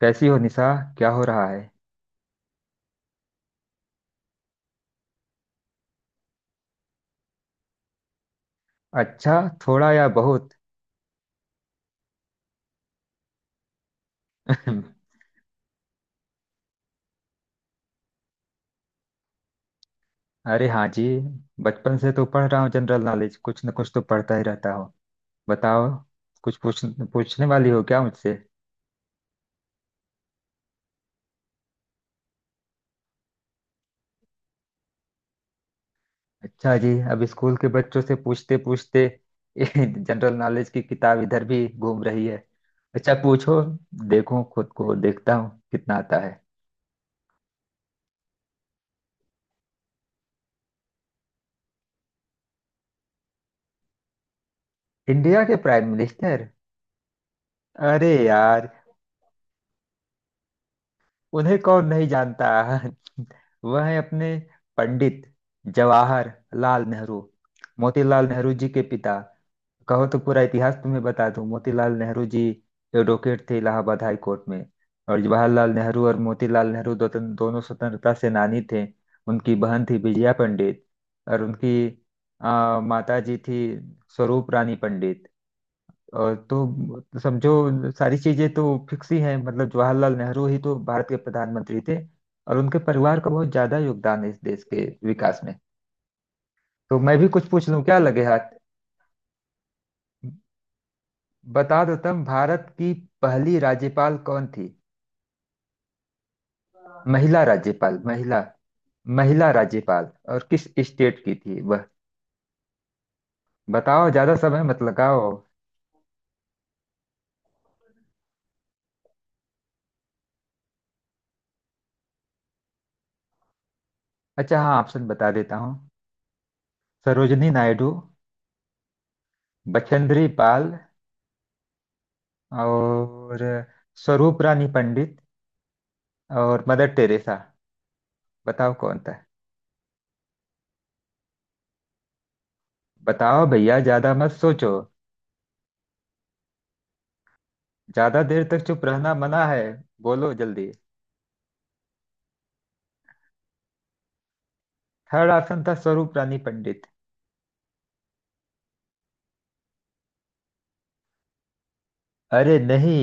कैसी हो निशा। क्या हो रहा है। अच्छा, थोड़ा या बहुत? अरे हाँ जी, बचपन से तो पढ़ रहा हूँ जनरल नॉलेज, कुछ न कुछ तो पढ़ता ही रहता हूँ। बताओ, कुछ पूछ, पूछने वाली हो क्या मुझसे? अच्छा जी, अब स्कूल के बच्चों से पूछते पूछते जनरल नॉलेज की किताब इधर भी घूम रही है। अच्छा पूछो, देखो खुद को देखता हूँ कितना आता है। इंडिया के प्राइम मिनिस्टर? अरे यार, उन्हें कौन नहीं जानता। वह है अपने पंडित जवाहर लाल नेहरू, मोतीलाल नेहरू जी के पिता। कहो तो पूरा इतिहास तुम्हें बता दूं। मोतीलाल नेहरू जी एडवोकेट थे इलाहाबाद हाई कोर्ट में। और जवाहरलाल नेहरू और मोतीलाल नेहरू दो, दोनों स्वतंत्रता सेनानी थे। उनकी बहन थी विजया पंडित, और उनकी माता जी थी स्वरूप रानी पंडित। और तो मतलब समझो, सारी चीजें तो फिक्स ही हैं। मतलब जवाहरलाल नेहरू ही तो भारत के प्रधानमंत्री थे, और उनके परिवार का बहुत ज्यादा योगदान है इस देश के विकास में। तो मैं भी कुछ पूछ लूं क्या लगे हाथ। बता दो तुम, भारत की पहली राज्यपाल कौन थी? महिला राज्यपाल, महिला। महिला राज्यपाल, और किस स्टेट की थी वह? बताओ, ज्यादा समय मत लगाओ। अच्छा हाँ, ऑप्शन बता देता हूँ। सरोजनी नायडू, बचेंद्री पाल, और स्वरूप रानी पंडित, और मदर टेरेसा। बताओ कौन था। बताओ भैया, ज्यादा मत सोचो। ज्यादा देर तक चुप रहना मना है। बोलो जल्दी। थर्ड ऑप्शन था स्वरूप रानी पंडित। अरे नहीं,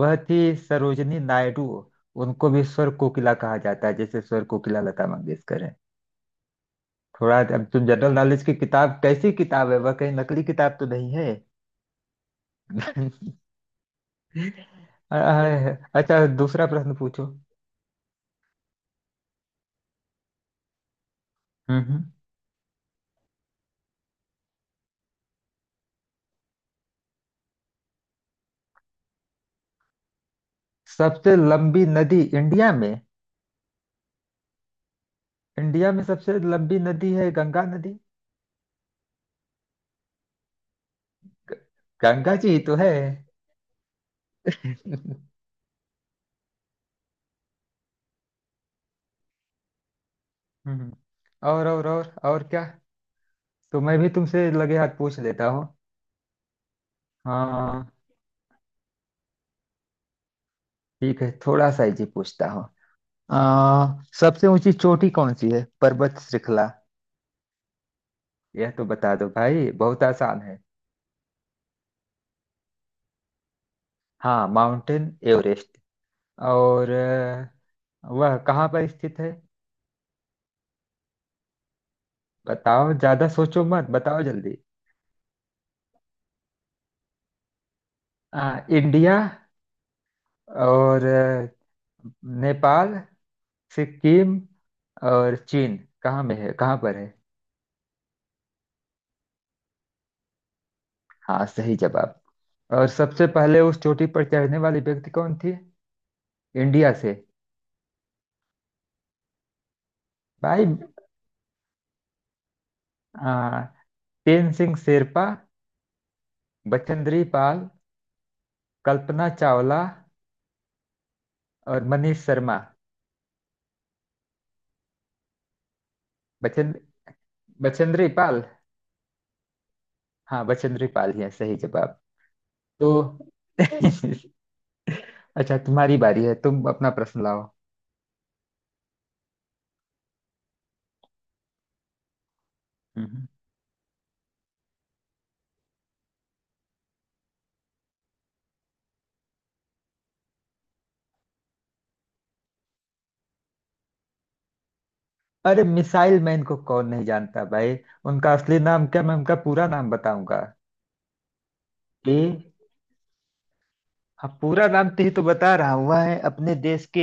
वह थी सरोजनी नायडू। उनको भी स्वर कोकिला कहा जाता है, जैसे स्वर कोकिला लता मंगेशकर है। थोड़ा अब तुम जनरल नॉलेज की किताब, कैसी किताब है वह, कहीं नकली किताब तो नहीं है? आह, अच्छा दूसरा प्रश्न पूछो। हम्म। हम्म। सबसे लंबी नदी इंडिया में? इंडिया में सबसे लंबी नदी है गंगा नदी। गंगा जी ही तो है। हम्म। और क्या, तो मैं भी तुमसे लगे हाथ पूछ लेता हूँ। हाँ ठीक है, थोड़ा सा इजी पूछता हूँ। आ, सबसे ऊंची चोटी कौन सी है, पर्वत श्रृंखला? यह तो बता दो भाई, बहुत आसान है। हाँ माउंटेन एवरेस्ट। और वह कहाँ पर स्थित है? बताओ, ज्यादा सोचो मत, बताओ जल्दी। इंडिया, और नेपाल, सिक्किम, और चीन। कहाँ में है, कहाँ पर है? हाँ सही जवाब। और सबसे पहले उस चोटी पर चढ़ने वाली व्यक्ति कौन थी इंडिया से? भाई, आ, तेनसिंग शेरपा, बचेंद्री पाल, कल्पना चावला, और मनीष शर्मा। बचें बचेंद्री पाल? हाँ बचेंद्री पाल ही है, सही जवाब। तो अच्छा, तुम्हारी बारी है, तुम अपना प्रश्न लाओ। हम्म। अरे मिसाइल मैन को कौन नहीं जानता भाई। उनका असली नाम क्या, मैं उनका पूरा नाम बताऊंगा। ए, हाँ पूरा नाम तो ही तो बता रहा हूं, वह है अपने देश के,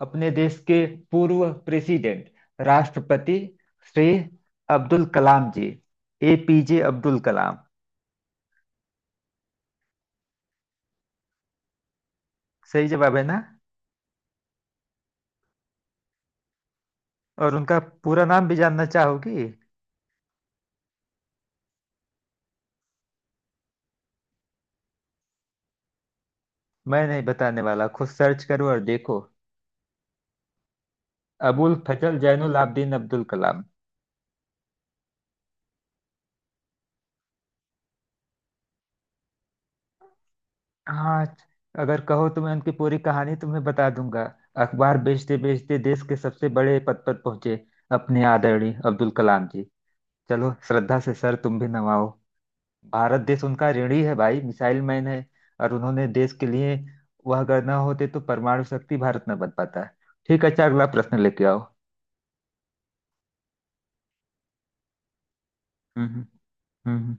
अपने देश के पूर्व प्रेसिडेंट, राष्ट्रपति श्री अब्दुल कलाम जी, एपीजे अब्दुल कलाम। सही जवाब है ना। और उनका पूरा नाम भी जानना चाहोगी? मैं नहीं बताने वाला, खुद सर्च करो और देखो। अबुल फजल जैनुल आबदीन अब्दुल कलाम। हाँ, अगर कहो तो मैं उनकी पूरी कहानी तुम्हें बता दूंगा। अखबार बेचते बेचते देश के सबसे बड़े पद पर पहुंचे अपने आदरणीय अब्दुल कलाम जी। चलो श्रद्धा से सर तुम भी नवाओ। भारत देश उनका ऋणी है भाई, मिसाइल मैन है। और उन्होंने देश के लिए, वह अगर ना होते तो परमाणु शक्ति भारत न बन पाता। ठीक है, अच्छा अगला प्रश्न लेके आओ। हम्म। हम्म। हम्म। हम्म।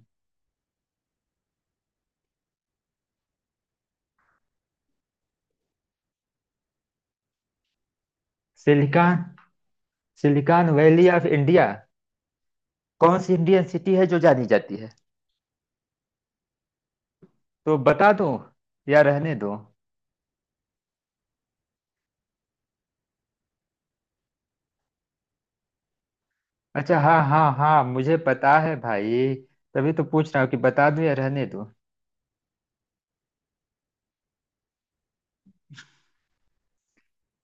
Silicon silicon valley of India, कौन सी इंडियन सिटी है जो जानी जाती है? तो बता दो या रहने दो। अच्छा हाँ हाँ हाँ, मुझे पता है भाई। तभी तो पूछ रहा हूँ कि बता दूँ या रहने दूँ।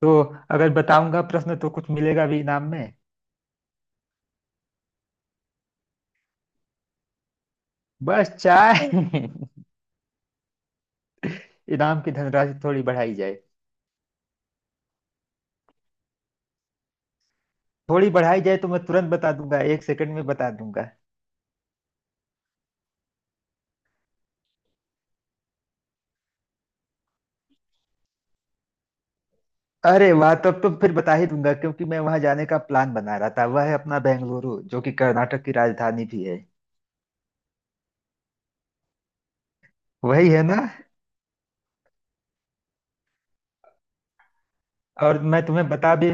तो अगर बताऊंगा प्रश्न, तो कुछ मिलेगा भी इनाम में? बस चाय? इनाम की धनराशि थोड़ी बढ़ाई जाए। थोड़ी बढ़ाई जाए तो मैं तुरंत बता दूंगा, एक सेकंड में बता दूंगा। अरे वाह, तब तो फिर बता ही दूंगा, क्योंकि मैं वहां जाने का प्लान बना रहा था। वह है अपना बेंगलुरु, जो कि कर्नाटक की राजधानी भी है। वही है ना। और मैं तुम्हें बता भी,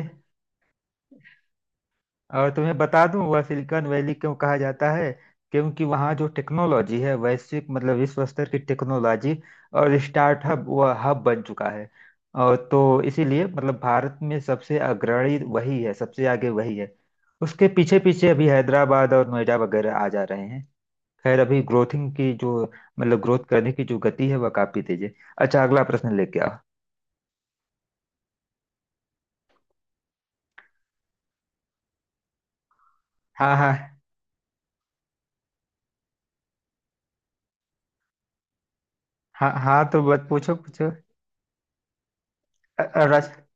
और तुम्हें बता दूं, वह सिलिकॉन वैली क्यों कहा जाता है। क्योंकि वहाँ जो टेक्नोलॉजी है, वैश्विक, मतलब विश्व स्तर की टेक्नोलॉजी और स्टार्टअप, वह हब बन चुका है। और तो इसीलिए, मतलब भारत में सबसे अग्रणी वही है, सबसे आगे वही है। उसके पीछे पीछे अभी हैदराबाद और नोएडा वगैरह आ जा रहे हैं। खैर, अभी ग्रोथिंग की जो, मतलब ग्रोथ करने की जो गति है, वह काफी तेज है। अच्छा अगला प्रश्न लेके आओ। हाँ हाँ हाँ, हाँ तो बस पूछो पूछो। अ- अ, रच-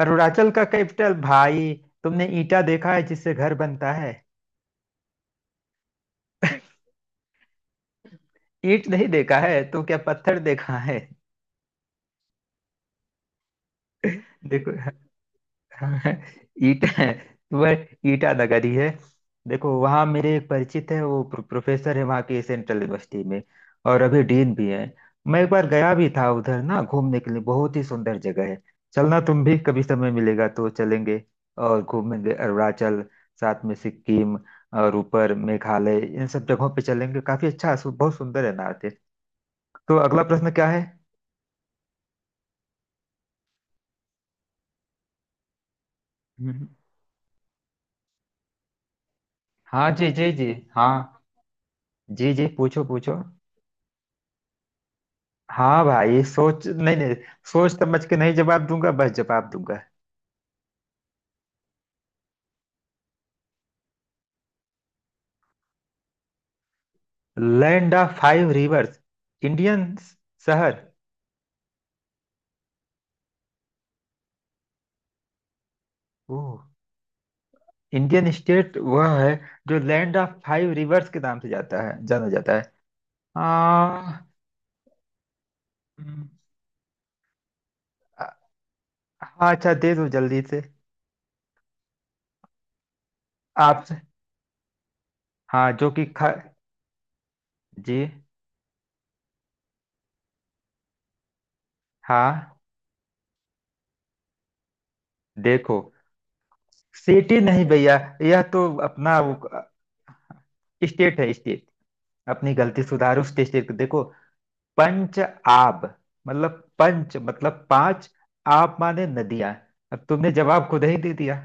अरुणाचल का कैपिटल भाई, तुमने ईटा देखा है जिससे घर बनता है? ईंट नहीं देखा है तो क्या पत्थर देखा है? देखो, हाँ, ईटा, वह ईटा नगरी है। देखो वहाँ मेरे एक परिचित है, वो प्रोफेसर है वहाँ के सेंट्रल यूनिवर्सिटी में, और अभी डीन भी है। मैं एक बार गया भी था उधर ना, घूमने के लिए बहुत ही सुंदर जगह है। चलना, तुम भी कभी समय मिलेगा तो चलेंगे, और घूमेंगे अरुणाचल, साथ में सिक्किम, और ऊपर मेघालय, इन सब जगहों पे चलेंगे। काफी अच्छा बहुत सुंदर है नॉर्थ ईस्ट। तो अगला प्रश्न क्या है? हम्म। हाँ जी जी जी, हाँ जी जी, पूछो पूछो। हाँ भाई, सोच नहीं नहीं सोच समझ के नहीं जवाब दूंगा, बस जवाब दूंगा। Land of five rivers, Indian शहर? ओह, इंडियन स्टेट वह है जो लैंड ऑफ फाइव रिवर्स के नाम से जाता है, जाना जाता है। आ, हम्म, आ- हाँ अच्छा, दे दो जल्दी से। आप, हाँ जो कि ख, जी, हाँ। देखो, सिटी नहीं भैया, यह तो अपना स्टेट है, स्टेट। अपनी गलती सुधारो, स्टेट को देखो। पंच आब, मतलब पंच मतलब पांच, आब माने नदियां। अब तुमने जवाब खुद ही दे दिया।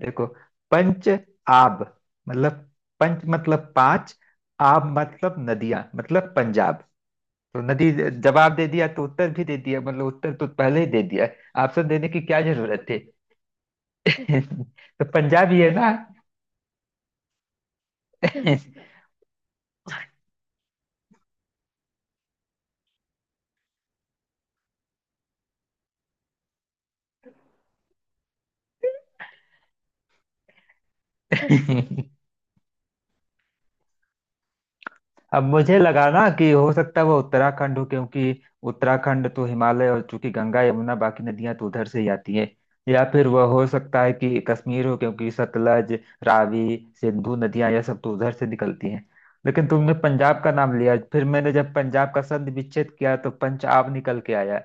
देखो, पंच आब मतलब, पंच मतलब पांच, आब मतलब नदियां, मतलब पंजाब। तो नदी जवाब दे दिया, तो उत्तर भी दे दिया, मतलब उत्तर तो पहले ही दे दिया। ऑप्शन देने की क्या जरूरत थी? तो पंजाब ही है ना। अब मुझे लगा ना कि हो सकता है वो उत्तराखंड हो, क्योंकि उत्तराखंड तो हिमालय, और चूंकि गंगा यमुना बाकी नदियां तो उधर से ही आती हैं। या फिर वह हो सकता है कि कश्मीर हो, क्योंकि सतलज रावी सिंधु नदियां, यह सब तो उधर से निकलती हैं। लेकिन तुमने पंजाब का नाम लिया, फिर मैंने जब पंजाब का संधि विच्छेद किया तो पंजाब निकल के आया।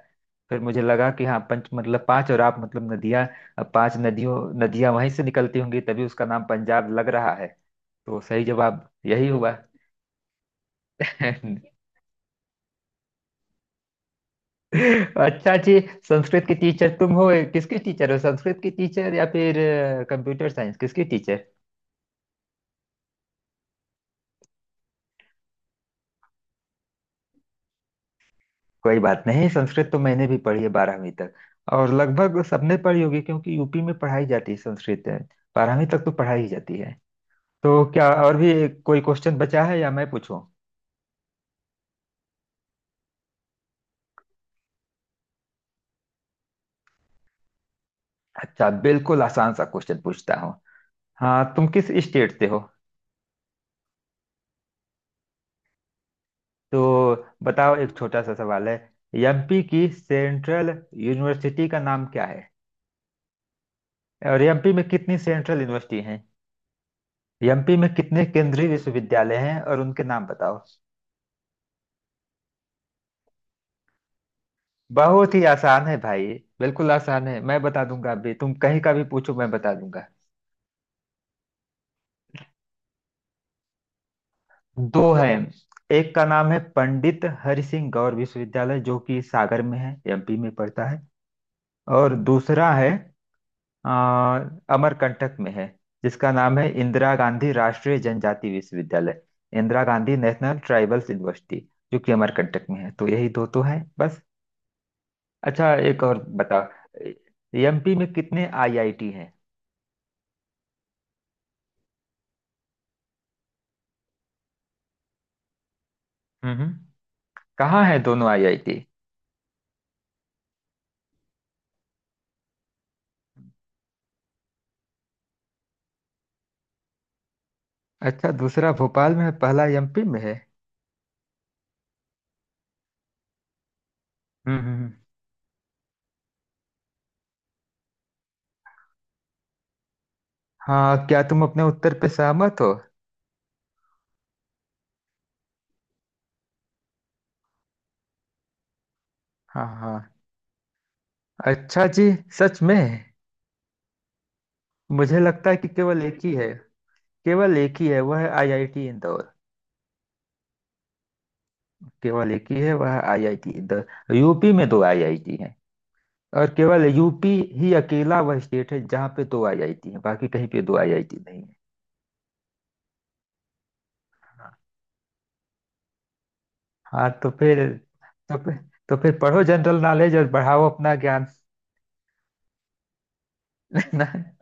फिर मुझे लगा कि हाँ, पंच मतलब पांच और आप मतलब नदियां। अब पांच नदियों, नदियां वहीं से निकलती होंगी, तभी उसका नाम पंजाब लग रहा है। तो सही जवाब यही हुआ। अच्छा जी, संस्कृत की टीचर तुम हो? किसकी टीचर हो, संस्कृत की टीचर या फिर कंप्यूटर साइंस, किसकी टीचर? कोई बात नहीं, संस्कृत तो मैंने भी पढ़ी है 12वीं तक, और लगभग सबने पढ़ी होगी क्योंकि यूपी में पढ़ाई जाती है संस्कृत, 12वीं तक तो पढ़ाई जाती है। तो क्या और भी कोई क्वेश्चन बचा है, या मैं पूछूं? अच्छा बिल्कुल आसान सा क्वेश्चन पूछता हूँ। हाँ, तुम किस स्टेट से हो? तो बताओ, एक छोटा सा सवाल है। एमपी की सेंट्रल यूनिवर्सिटी का नाम क्या है, और एमपी में कितनी सेंट्रल यूनिवर्सिटी हैं? एमपी में कितने केंद्रीय विश्वविद्यालय हैं, और उनके नाम बताओ। बहुत ही आसान है भाई, बिल्कुल आसान है। मैं बता दूंगा, अभी तुम कहीं का भी पूछो मैं बता दूंगा। दो हैं। एक का नाम है पंडित हरि सिंह गौर विश्वविद्यालय, जो कि सागर में है, एमपी में पड़ता है। और दूसरा है आ, अमरकंटक में है, जिसका नाम है इंदिरा गांधी राष्ट्रीय जनजाति विश्वविद्यालय, Indira Gandhi national tribals university, जो कि अमरकंटक में है। तो यही दो तो है बस। अच्छा एक और बता, एमपी में कितने आईआईटी हैं? हम्म। कहाँ हैं दोनों आईआईटी? अच्छा, दूसरा भोपाल में है, पहला एमपी में है। हम्म। हाँ, क्या तुम अपने उत्तर पे सहमत हो? हाँ हाँ, अच्छा जी, सच में? मुझे लगता है कि केवल एक ही है। केवल एक ही है, वह है आईआईटी इंदौर। केवल एक ही है, वह है आईआईटी इंदौर। यूपी में दो आईआईटी हैं, और केवल यूपी ही अकेला वह स्टेट है जहाँ पे दो आईआईटी हैं, बाकी कहीं पे दो आईआईटी नहीं है। हाँ तो फिर, तो फिर, तो फिर पढ़ो जनरल नॉलेज और बढ़ाओ अपना ज्ञान।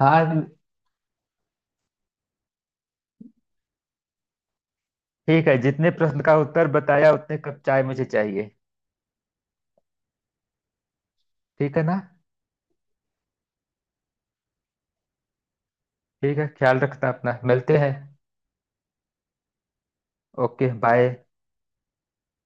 हाँ ठीक है, जितने प्रश्न का उत्तर बताया, उतने कप चाय मुझे चाहिए। ठीक है ना। ठीक है, ख्याल रखना अपना, मिलते हैं। Okay bye.